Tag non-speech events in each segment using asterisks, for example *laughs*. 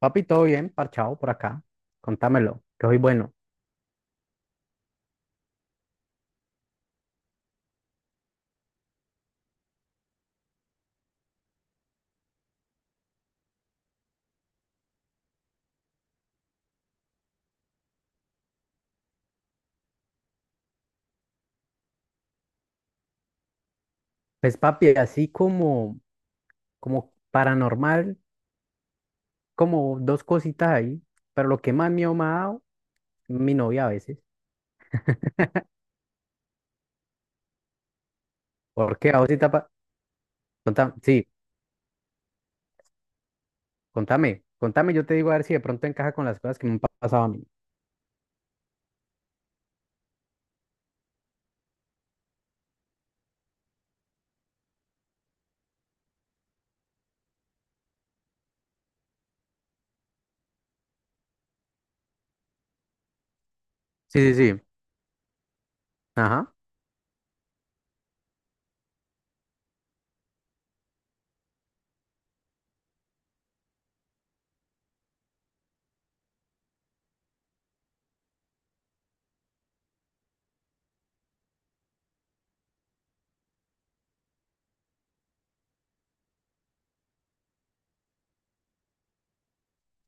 Papi, todo bien, parchado por acá. Contámelo, que hoy bueno. Pues papi, así como, como paranormal, como dos cositas ahí, pero lo que más miedo me ha dado, mi novia a veces. ¿Por qué? ¿A vos sí te ha sí, contame, yo te digo a ver si de pronto encaja con las cosas que me han pasado a mí. Sí, sí, sí, ajá,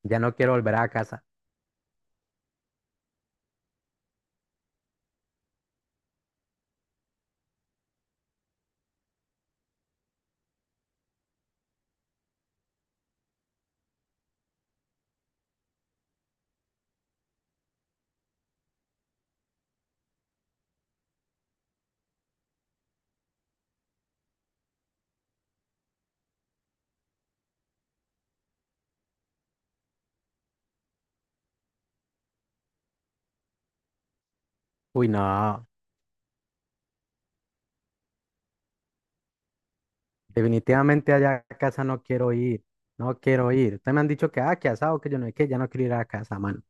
ya no quiero volver a casa. Uy, no, definitivamente allá a casa no quiero ir, no quiero ir. Ustedes me han dicho que, ah, que asado, que yo no sé qué, ya no quiero ir a casa, mano.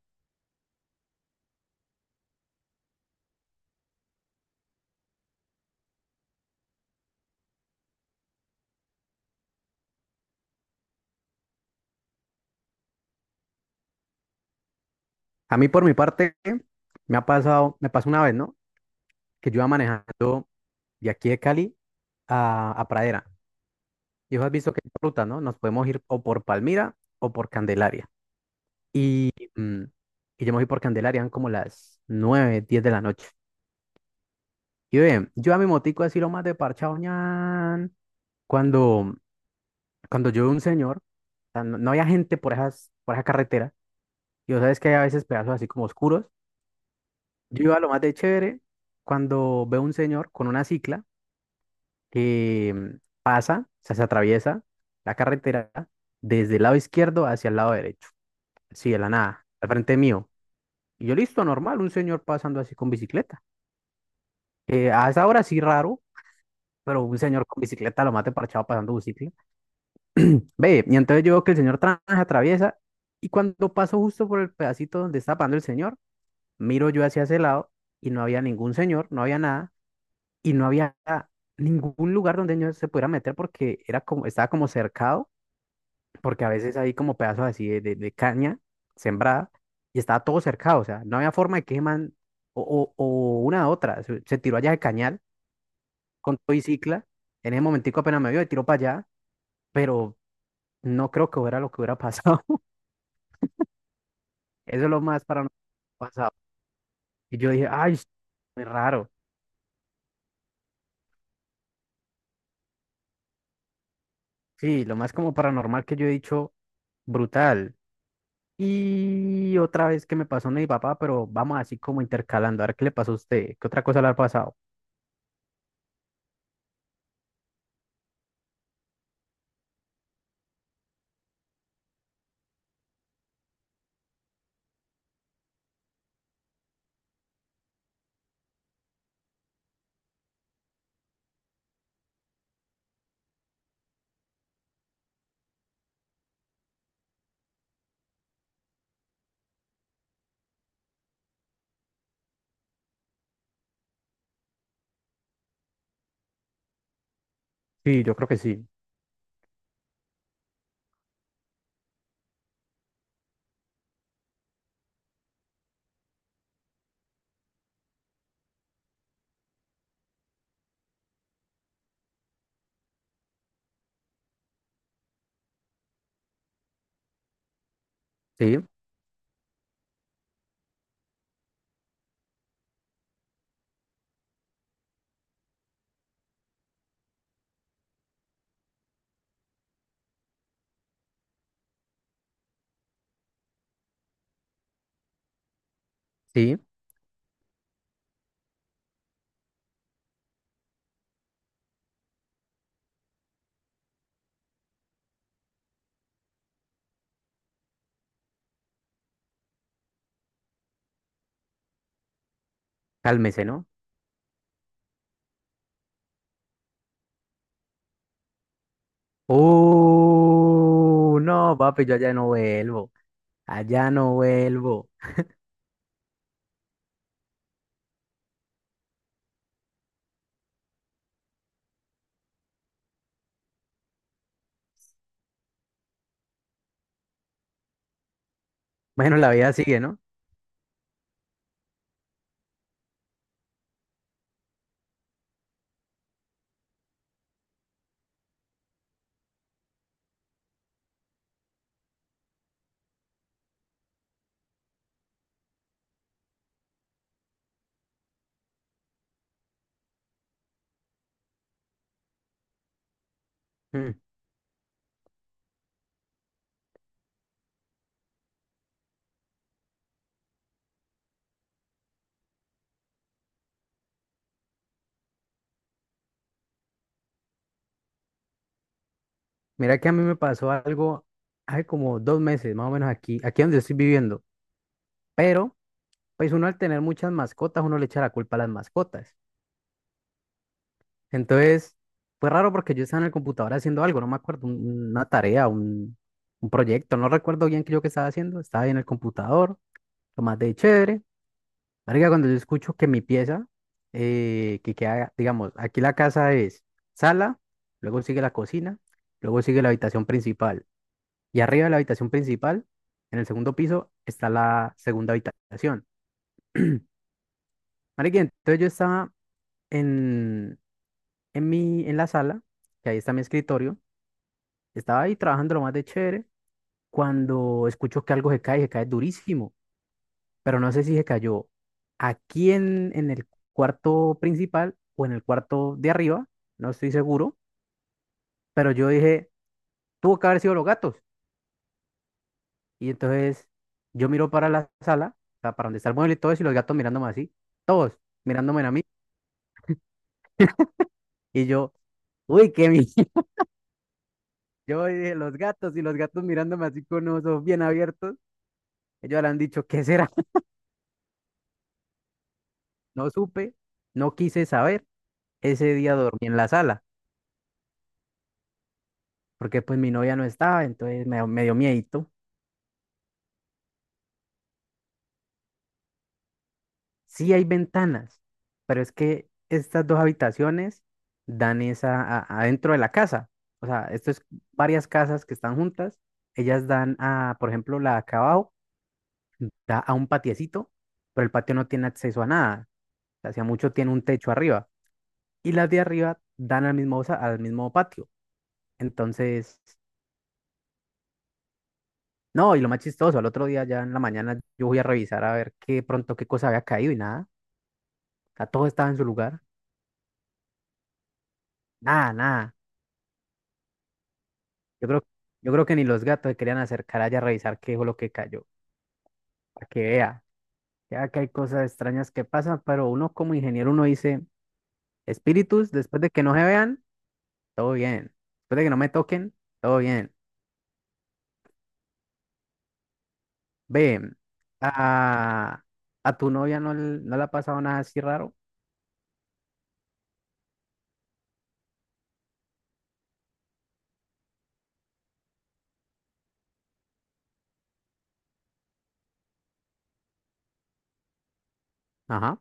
A mí por mi parte me ha pasado, me pasó una vez, ¿no? Que yo iba manejando de aquí de Cali a Pradera. Y vos has visto que hay ruta, ¿no? Nos podemos ir o por Palmira o por Candelaria. Mm. Y yo me fui por Candelaria, eran como las 9, 10 de la noche. Y bien, yo a mi motico así lo más de parchado, ñan, cuando, cuando yo veo un señor, o sea, no había gente por esas, por esa carretera, y vos sabes que hay a veces pedazos así como oscuros. Yo iba lo más de chévere cuando veo un señor con una cicla que pasa, o sea, se atraviesa la carretera desde el lado izquierdo hacia el lado derecho, así de la nada, al frente mío. Y yo listo, normal, un señor pasando así con bicicleta. A esa hora sí raro, pero un señor con bicicleta lo mate parchado pasando bicicleta. Ve, y entonces yo veo que el señor trans *laughs* atraviesa y cuando paso justo por el pedacito donde está pasando el señor, miro yo hacia ese lado y no había ningún señor, no había nada y no había ningún lugar donde yo se pudiera meter porque era como, estaba como cercado porque a veces hay como pedazos así de, de caña sembrada y estaba todo cercado, o sea, no había forma de que ese man, o una a otra, se tiró allá de cañal con todo y cicla, en ese momentico apenas me vio y tiró para allá, pero no creo que hubiera lo que hubiera pasado, *laughs* eso es lo más paranormal que ha pasado, y yo dije, ay, es muy raro, sí, lo más como paranormal que yo he dicho, brutal, y otra vez que me pasó no mi papá, pero vamos así como intercalando, a ver qué le pasó a usted, qué otra cosa le ha pasado, sí, yo creo que sí, sí. Sí, cálmese, ¿no? No, papi, yo allá no vuelvo. Allá no vuelvo. Bueno, la vida sigue, ¿no? Mm. Mira que a mí me pasó algo hace como dos meses, más o menos aquí, aquí donde estoy viviendo. Pero, pues uno al tener muchas mascotas, uno le echa la culpa a las mascotas. Entonces, fue raro porque yo estaba en el computador haciendo algo, no me acuerdo, una tarea, un proyecto, no recuerdo bien qué yo que estaba haciendo. Estaba ahí en el computador, lo más de chévere. Marica, cuando yo escucho que mi pieza, que queda, digamos, aquí la casa es sala, luego sigue la cocina, luego sigue la habitación principal. Y arriba de la habitación principal, en el segundo piso, está la segunda habitación. Marica, entonces yo estaba en, en mi, en la sala, que ahí está mi escritorio, estaba ahí trabajando lo más de chévere, cuando escucho que algo se cae durísimo. Pero no sé si se cayó aquí en el cuarto principal o en el cuarto de arriba, no estoy seguro, pero yo dije, tuvo que haber sido los gatos. Y entonces yo miro para la sala, o sea, para donde está el mueble y todo eso, y los gatos mirándome así, todos mirándome a mí, y yo, uy, qué mi... *laughs* Yo dije, los gatos y los gatos mirándome así con los ojos bien abiertos, ellos le han dicho, ¿qué será? *laughs* No supe, no quise saber, ese día dormí en la sala, porque pues mi novia no estaba, entonces me dio miedito. Sí hay ventanas, pero es que estas dos habitaciones dan esa adentro de la casa. O sea, esto es varias casas que están juntas. Ellas dan a, por ejemplo, la de acá abajo da a un patiecito, pero el patio no tiene acceso a nada. Hacia mucho tiene un techo arriba. Y las de arriba dan al mismo, al mismo patio. Entonces, no, y lo más chistoso, al otro día ya en la mañana yo voy a revisar a ver qué pronto qué cosa había caído y nada. O sea, todo estaba en su lugar. Nada, nada. Yo creo, yo creo que ni los gatos se querían acercar allá a revisar qué fue lo que cayó, para que vea. Ya que hay cosas extrañas que pasan, pero uno como ingeniero, uno dice, espíritus, después de que no se vean, todo bien. Después de que no me toquen, todo bien. Ve, a, a tu novia no, no le ha pasado nada así raro. Ajá.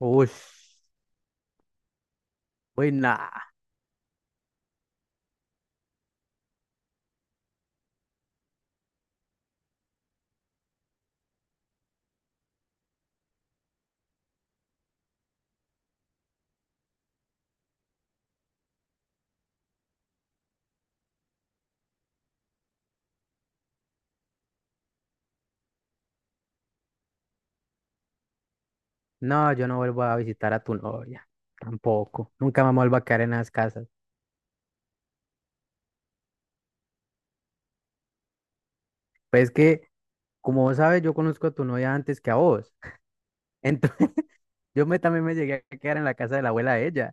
Uy, uy, nah. No, yo no vuelvo a visitar a tu novia. Tampoco. Nunca me vuelvo a quedar en las casas. Pues es que, como vos sabes, yo conozco a tu novia antes que a vos. *laughs* También me llegué a quedar en la casa de la abuela de ella.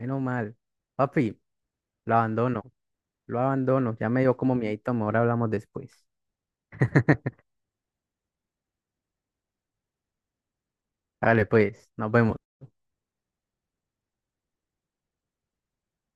Menos mal. Papi, lo abandono. Lo abandono. Ya me dio como miedito. Ahora hablamos después. Dale, pues. Nos vemos.